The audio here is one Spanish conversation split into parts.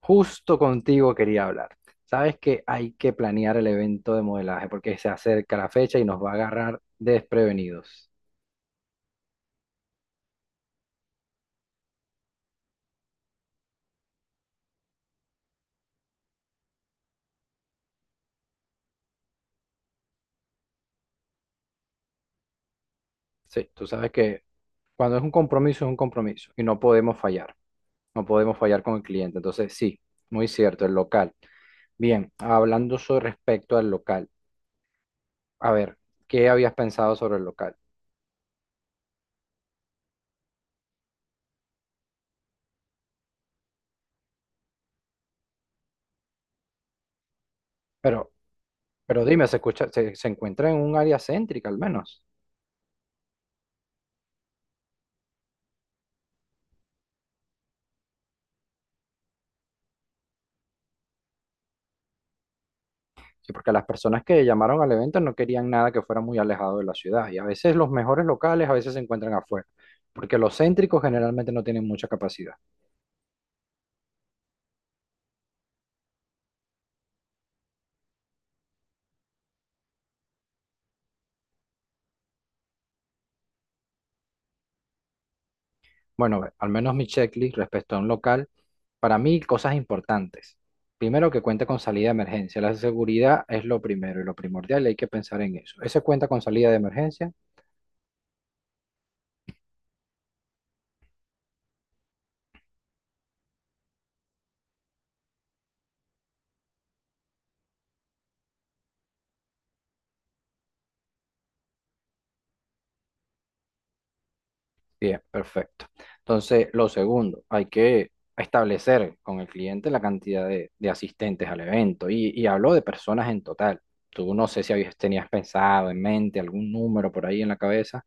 Justo contigo quería hablar. Sabes que hay que planear el evento de modelaje porque se acerca la fecha y nos va a agarrar desprevenidos. Sí, tú sabes que cuando es un compromiso y no podemos fallar. No podemos fallar con el cliente. Entonces, sí, muy cierto, el local. Bien, hablando sobre respecto al local. A ver, ¿qué habías pensado sobre el local? Pero, pero dime, se escucha, se encuentra en un área céntrica al menos. Sí, porque las personas que llamaron al evento no querían nada que fuera muy alejado de la ciudad. Y a veces los mejores locales a veces se encuentran afuera, porque los céntricos generalmente no tienen mucha capacidad. Bueno, ve, al menos mi checklist respecto a un local, para mí cosas importantes. Primero, que cuente con salida de emergencia. La seguridad es lo primero y lo primordial y hay que pensar en eso. ¿Ese cuenta con salida de emergencia? Bien, perfecto. Entonces, lo segundo, hay que establecer con el cliente la cantidad de asistentes al evento y hablo de personas en total. Tú no sé si habías, tenías pensado en mente algún número por ahí en la cabeza.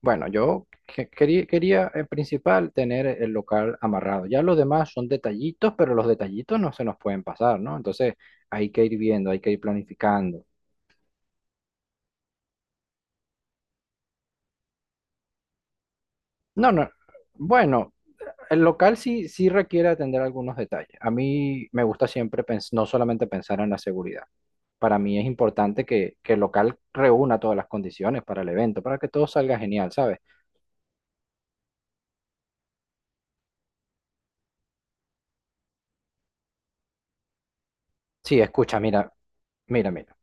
Bueno, yo quería en principal tener el local amarrado. Ya los demás son detallitos, pero los detallitos no se nos pueden pasar, ¿no? Entonces, hay que ir viendo, hay que ir planificando. No, no. Bueno, el local sí, sí requiere atender algunos detalles. A mí me gusta siempre no solamente pensar en la seguridad. Para mí es importante que el local reúna todas las condiciones para el evento, para que todo salga genial, ¿sabes? Sí, escucha, mira, mira, mira.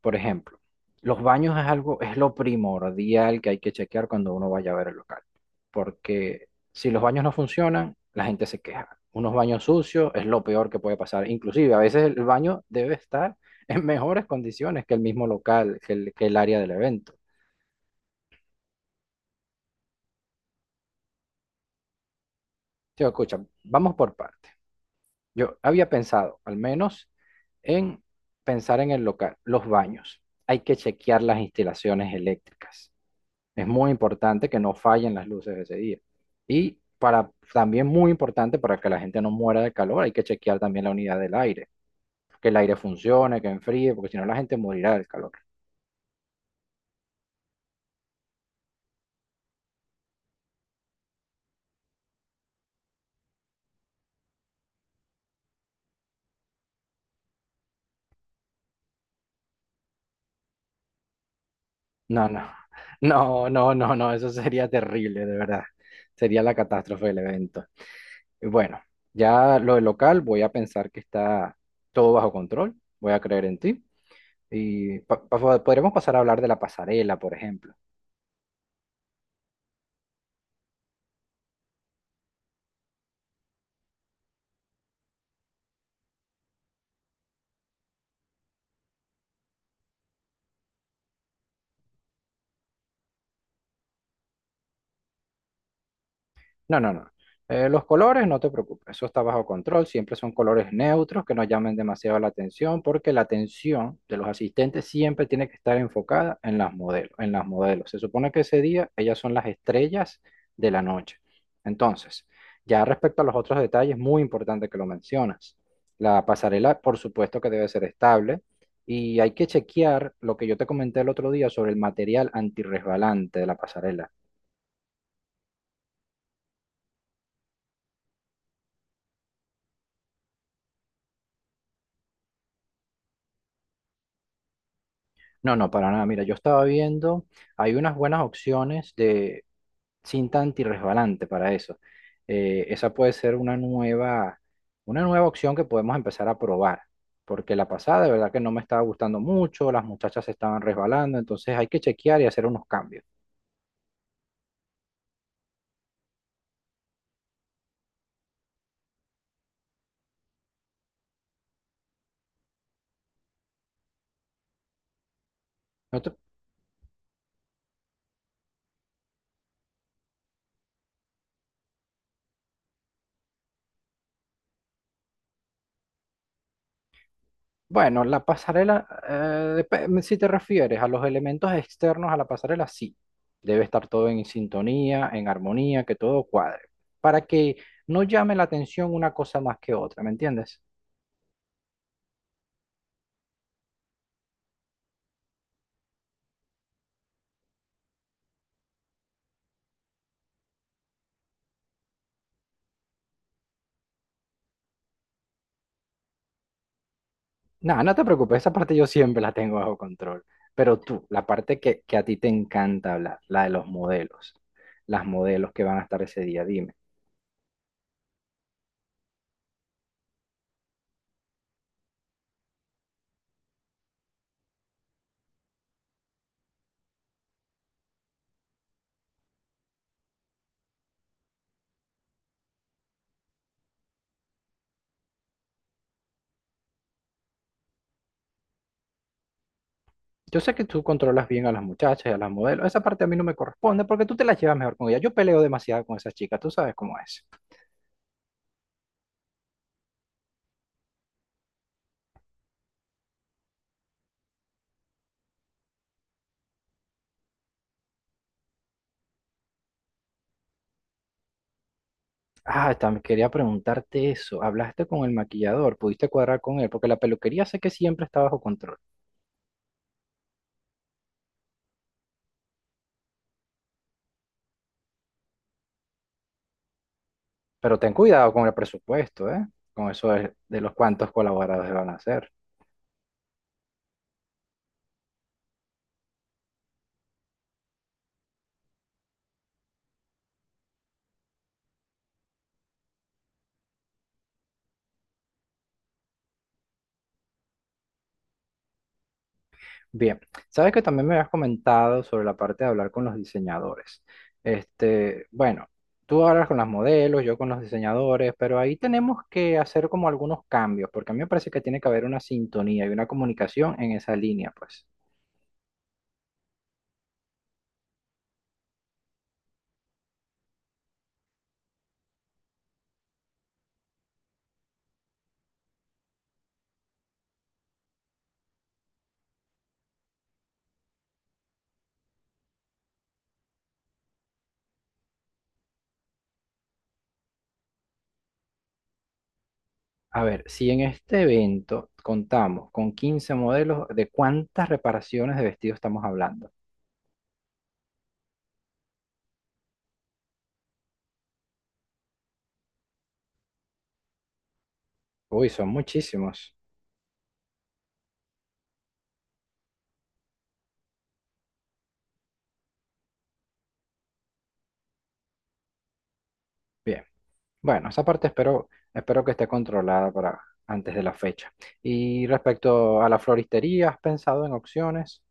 Por ejemplo, los baños es algo, es lo primordial que hay que chequear cuando uno vaya a ver el local, porque si los baños no funcionan, la gente se queja. Unos baños sucios es lo peor que puede pasar. Inclusive, a veces el baño debe estar en mejores condiciones que el mismo local, que el área del evento. Tío, escucha, vamos por partes. Yo había pensado, al menos, en pensar en el local, los baños. Hay que chequear las instalaciones eléctricas. Es muy importante que no fallen las luces ese día. Y para, también muy importante para que la gente no muera de calor, hay que chequear también la unidad del aire, que el aire funcione, que enfríe, porque si no la gente morirá del calor. No, no, no, no, no, no, eso sería terrible, de verdad. Sería la catástrofe del evento. Y bueno, ya lo del local, voy a pensar que está todo bajo control, voy a creer en ti. Y podremos pasar a hablar de la pasarela, por ejemplo. No, no, no. Los colores, no te preocupes, eso está bajo control. Siempre son colores neutros que no llamen demasiado la atención, porque la atención de los asistentes siempre tiene que estar enfocada en las modelos, en las modelos. Se supone que ese día ellas son las estrellas de la noche. Entonces, ya respecto a los otros detalles, muy importante que lo mencionas. La pasarela, por supuesto que debe ser estable y hay que chequear lo que yo te comenté el otro día sobre el material antirresbalante de la pasarela. No, no, para nada. Mira, yo estaba viendo, hay unas buenas opciones de cinta antirresbalante para eso. Esa puede ser una nueva opción que podemos empezar a probar, porque la pasada de verdad que no me estaba gustando mucho, las muchachas se estaban resbalando, entonces hay que chequear y hacer unos cambios. ¿No te- Bueno, la pasarela, si te refieres a los elementos externos a la pasarela, sí. Debe estar todo en sintonía, en armonía, que todo cuadre, para que no llame la atención una cosa más que otra, ¿me entiendes? Nada, no te preocupes, esa parte yo siempre la tengo bajo control. Pero tú, la parte que a ti te encanta hablar, la de los modelos, las modelos que van a estar ese día, dime. Yo sé que tú controlas bien a las muchachas y a las modelos, esa parte a mí no me corresponde porque tú te las llevas mejor con ellas. Yo peleo demasiado con esas chicas, tú sabes cómo es. Ah, también quería preguntarte eso. ¿Hablaste con el maquillador? ¿Pudiste cuadrar con él? Porque la peluquería sé que siempre está bajo control. Pero ten cuidado con el presupuesto, ¿eh? Con eso de los cuantos colaboradores van a hacer. Bien, sabes que también me habías comentado sobre la parte de hablar con los diseñadores. Este, bueno, tú hablas con las modelos, yo con los diseñadores, pero ahí tenemos que hacer como algunos cambios, porque a mí me parece que tiene que haber una sintonía y una comunicación en esa línea, pues. A ver, si en este evento contamos con 15 modelos, ¿de cuántas reparaciones de vestido estamos hablando? Uy, son muchísimos. Bien. Bueno, esa parte espero, espero que esté controlada para antes de la fecha. Y respecto a la floristería, ¿has pensado en opciones?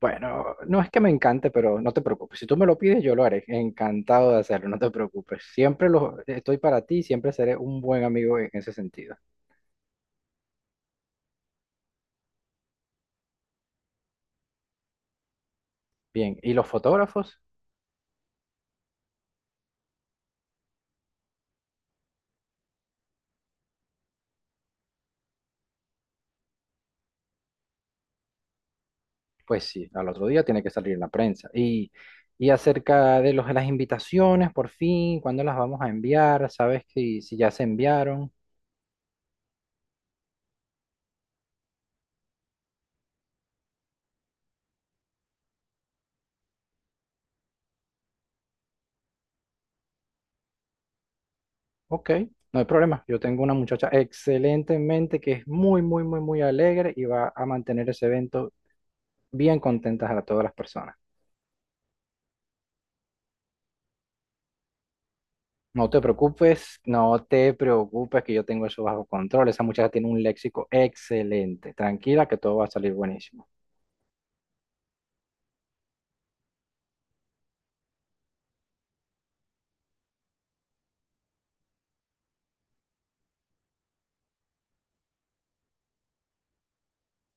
Bueno, no es que me encante, pero no te preocupes. Si tú me lo pides, yo lo haré. Encantado de hacerlo, no te preocupes. Siempre lo, estoy para ti, siempre seré un buen amigo en ese sentido. Bien, ¿y los fotógrafos? Pues sí, al otro día tiene que salir en la prensa. Y acerca de de las invitaciones, por fin, ¿cuándo las vamos a enviar? ¿Sabes que, si ya se enviaron? Ok, no hay problema. Yo tengo una muchacha excelente en mente que es muy, muy, muy, muy alegre y va a mantener ese evento bien contentas a todas las personas. No te preocupes, no te preocupes que yo tengo eso bajo control. Esa muchacha tiene un léxico excelente. Tranquila que todo va a salir buenísimo.